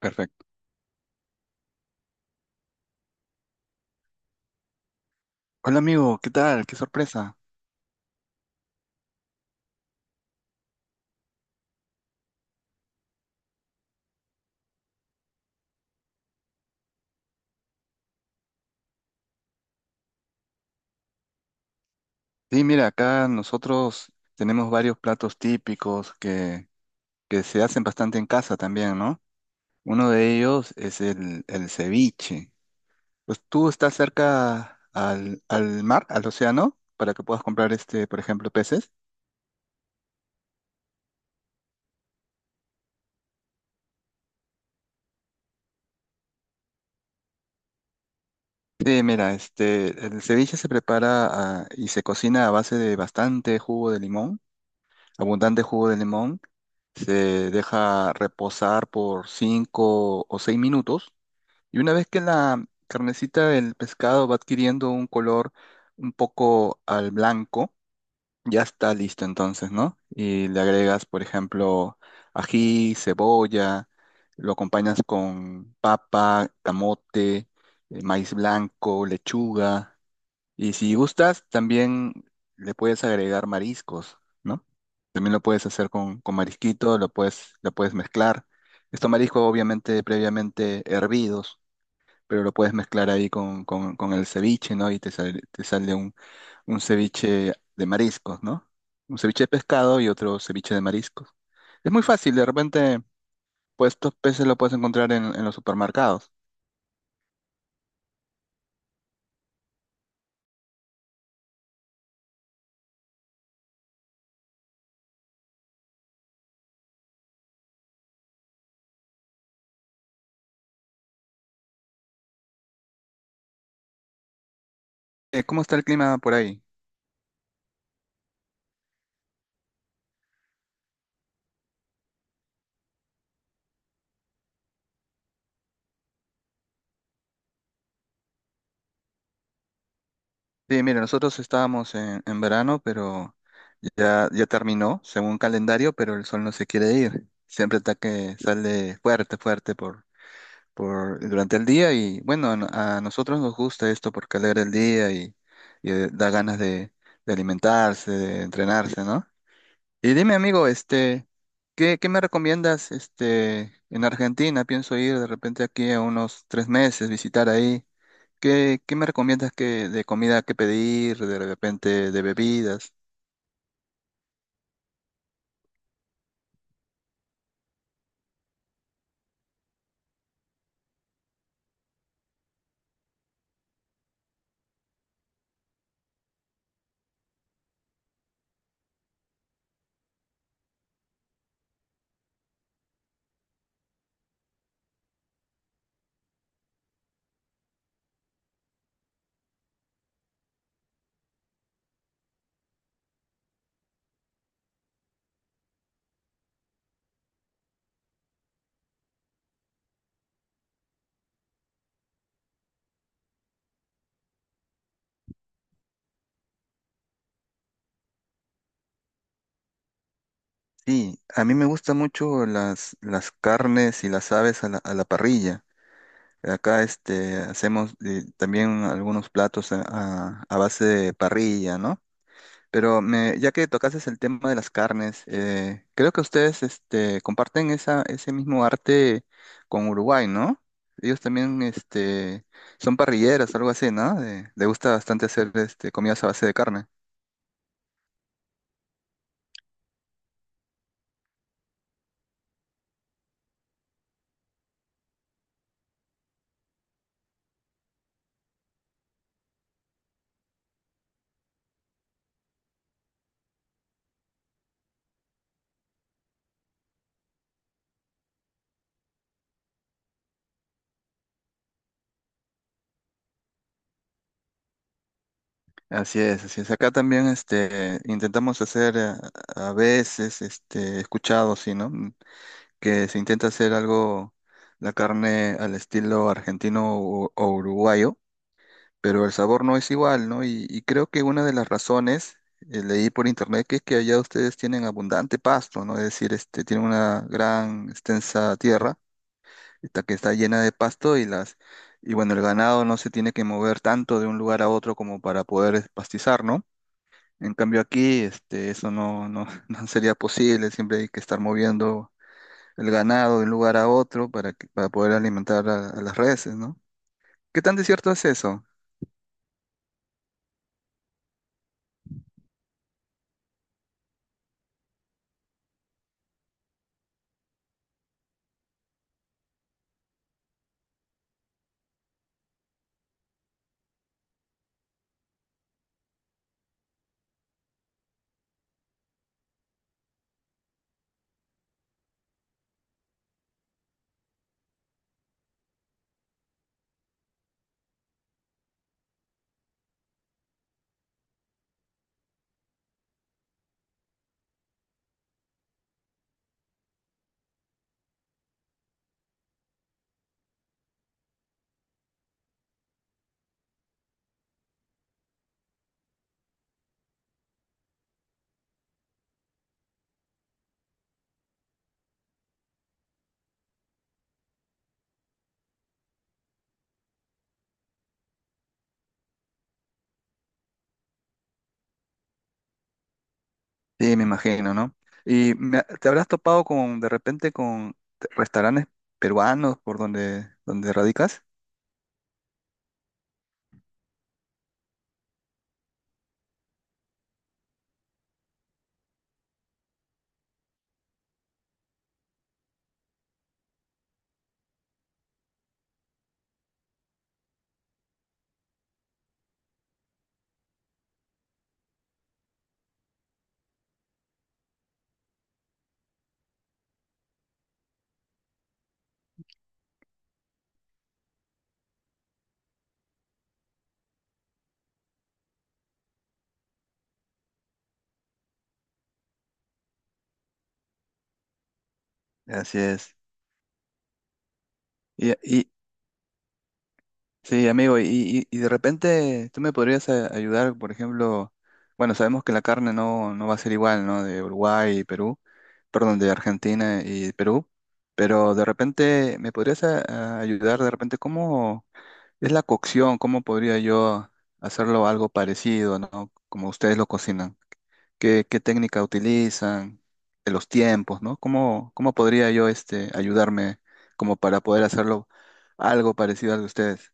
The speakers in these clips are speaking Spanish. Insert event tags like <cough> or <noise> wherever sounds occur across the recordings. Perfecto. Hola amigo, ¿qué tal? Qué sorpresa. Sí, mira, acá nosotros tenemos varios platos típicos que se hacen bastante en casa también, ¿no? Uno de ellos es el ceviche. Pues tú estás cerca al mar, al océano, para que puedas comprar por ejemplo, peces. Sí, mira, el ceviche se prepara y se cocina a base de bastante jugo de limón, abundante jugo de limón. Se deja reposar por 5 o 6 minutos y una vez que la carnecita del pescado va adquiriendo un color un poco al blanco, ya está listo entonces, ¿no? Y le agregas, por ejemplo, ají, cebolla, lo acompañas con papa, camote, maíz blanco, lechuga. Y si gustas, también le puedes agregar mariscos, ¿no? También lo puedes hacer con marisquito, lo puedes mezclar. Estos mariscos obviamente previamente hervidos, pero lo puedes mezclar ahí con el ceviche, ¿no? Y te sale un ceviche de mariscos, ¿no? Un ceviche de pescado y otro ceviche de mariscos. Es muy fácil, de repente, pues estos peces lo puedes encontrar en los supermercados. ¿Cómo está el clima por ahí? Sí, mira, nosotros estábamos en verano, pero ya, ya terminó, según calendario, pero el sol no se quiere ir. Siempre está que sale fuerte, fuerte durante el día y bueno, a, no- a nosotros nos gusta esto porque alegra el día y, da ganas de alimentarse, de entrenarse, ¿no? Y dime, amigo, ¿qué me recomiendas, en Argentina? Pienso ir de repente aquí a unos 3 meses, visitar ahí. ¿Qué me recomiendas que, de comida que pedir, de repente de bebidas? Sí, a mí me gustan mucho las carnes y las aves a la parrilla. Acá hacemos también algunos platos a base de parrilla, ¿no? Pero ya que tocases el tema de las carnes, creo que ustedes comparten ese mismo arte con Uruguay, ¿no? Ellos también son parrilleras, algo así, ¿no? Le gusta bastante hacer comidas a base de carne. Así es, así es. Acá también intentamos hacer a, veces, escuchado, sí, ¿no? Que se intenta hacer algo, la carne al estilo argentino o uruguayo, pero el sabor no es igual, ¿no? Y creo que una de las razones, leí por internet, que es que allá ustedes tienen abundante pasto, ¿no? Es decir, tienen una gran extensa tierra esta que está llena de pasto y las... Y bueno, el ganado no se tiene que mover tanto de un lugar a otro como para poder pastizar, ¿no? En cambio aquí, eso no, no, <laughs> no sería posible, siempre hay que estar moviendo el ganado de un lugar a otro para poder alimentar a las reses, ¿no? ¿Qué tan desierto es eso? Sí, me imagino, ¿no? Y te habrás topado con, de repente, restaurantes peruanos por donde radicas. Así es. Y- sí, amigo, Y de repente tú me podrías ayudar, por ejemplo, bueno, sabemos que la carne no, no va a ser igual, ¿no? De Uruguay y Perú, perdón, de Argentina y Perú, pero de repente me podrías a ayudar de repente cómo es la cocción. ¿Cómo podría yo hacerlo algo parecido? ¿No? Como ustedes lo cocinan. ¿Qué técnica utilizan? Los tiempos, ¿no? ¿Cómo podría yo ayudarme como para poder hacerlo algo parecido al de ustedes?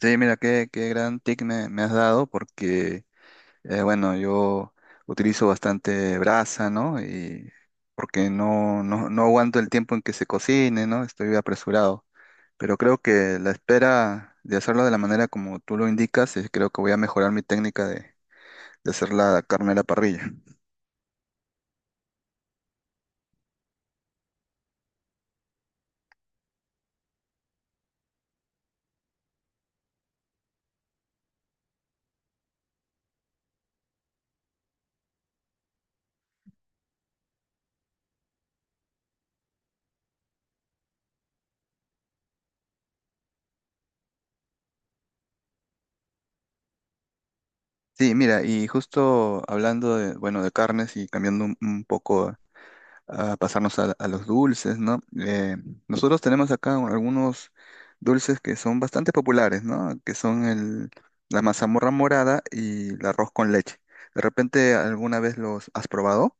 Sí, mira, qué gran tip me has dado porque, bueno, yo utilizo bastante brasa, ¿no? Y porque no, no, no aguanto el tiempo en que se cocine, ¿no? Estoy apresurado. Pero creo que la espera de hacerlo de la manera como tú lo indicas, creo que voy a mejorar mi técnica de hacer la carne a la parrilla. Sí, mira, y justo hablando de, bueno, de carnes y cambiando un poco a pasarnos a los dulces, ¿no? Nosotros tenemos acá algunos dulces que son bastante populares, ¿no? Que son la mazamorra morada y el arroz con leche. ¿De repente alguna vez los has probado?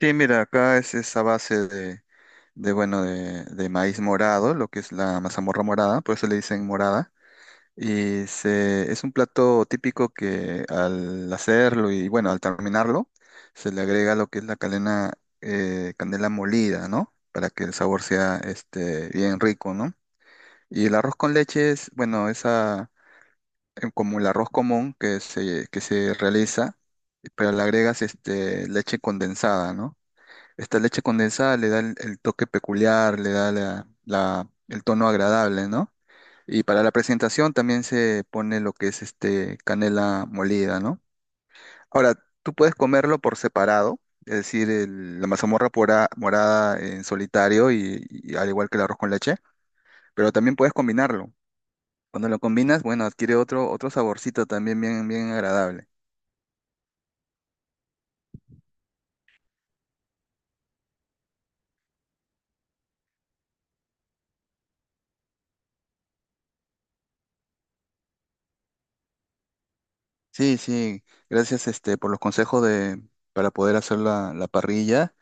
Sí, mira, acá es esa base de bueno, de maíz morado, lo que es la mazamorra morada, por eso le dicen morada. Y es un plato típico que al hacerlo y bueno, al terminarlo, se le agrega lo que es candela molida, ¿no? Para que el sabor sea bien rico, ¿no? Y el arroz con leche es, bueno, esa, como el arroz común que se realiza, pero le agregas leche condensada, ¿no? Esta leche condensada le da el toque peculiar, le da el tono agradable, ¿no? Y para la presentación también se pone lo que es canela molida, ¿no? Ahora, tú puedes comerlo por separado, es decir, la mazamorra morada en solitario y al igual que el arroz con leche, pero también puedes combinarlo. Cuando lo combinas, bueno, adquiere otro saborcito también bien, bien agradable. Sí, sí, gracias por los consejos para poder hacer la parrilla.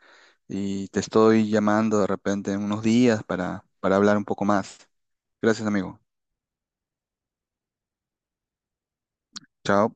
Y te estoy llamando de repente en unos días para hablar un poco más. Gracias, amigo. Chao.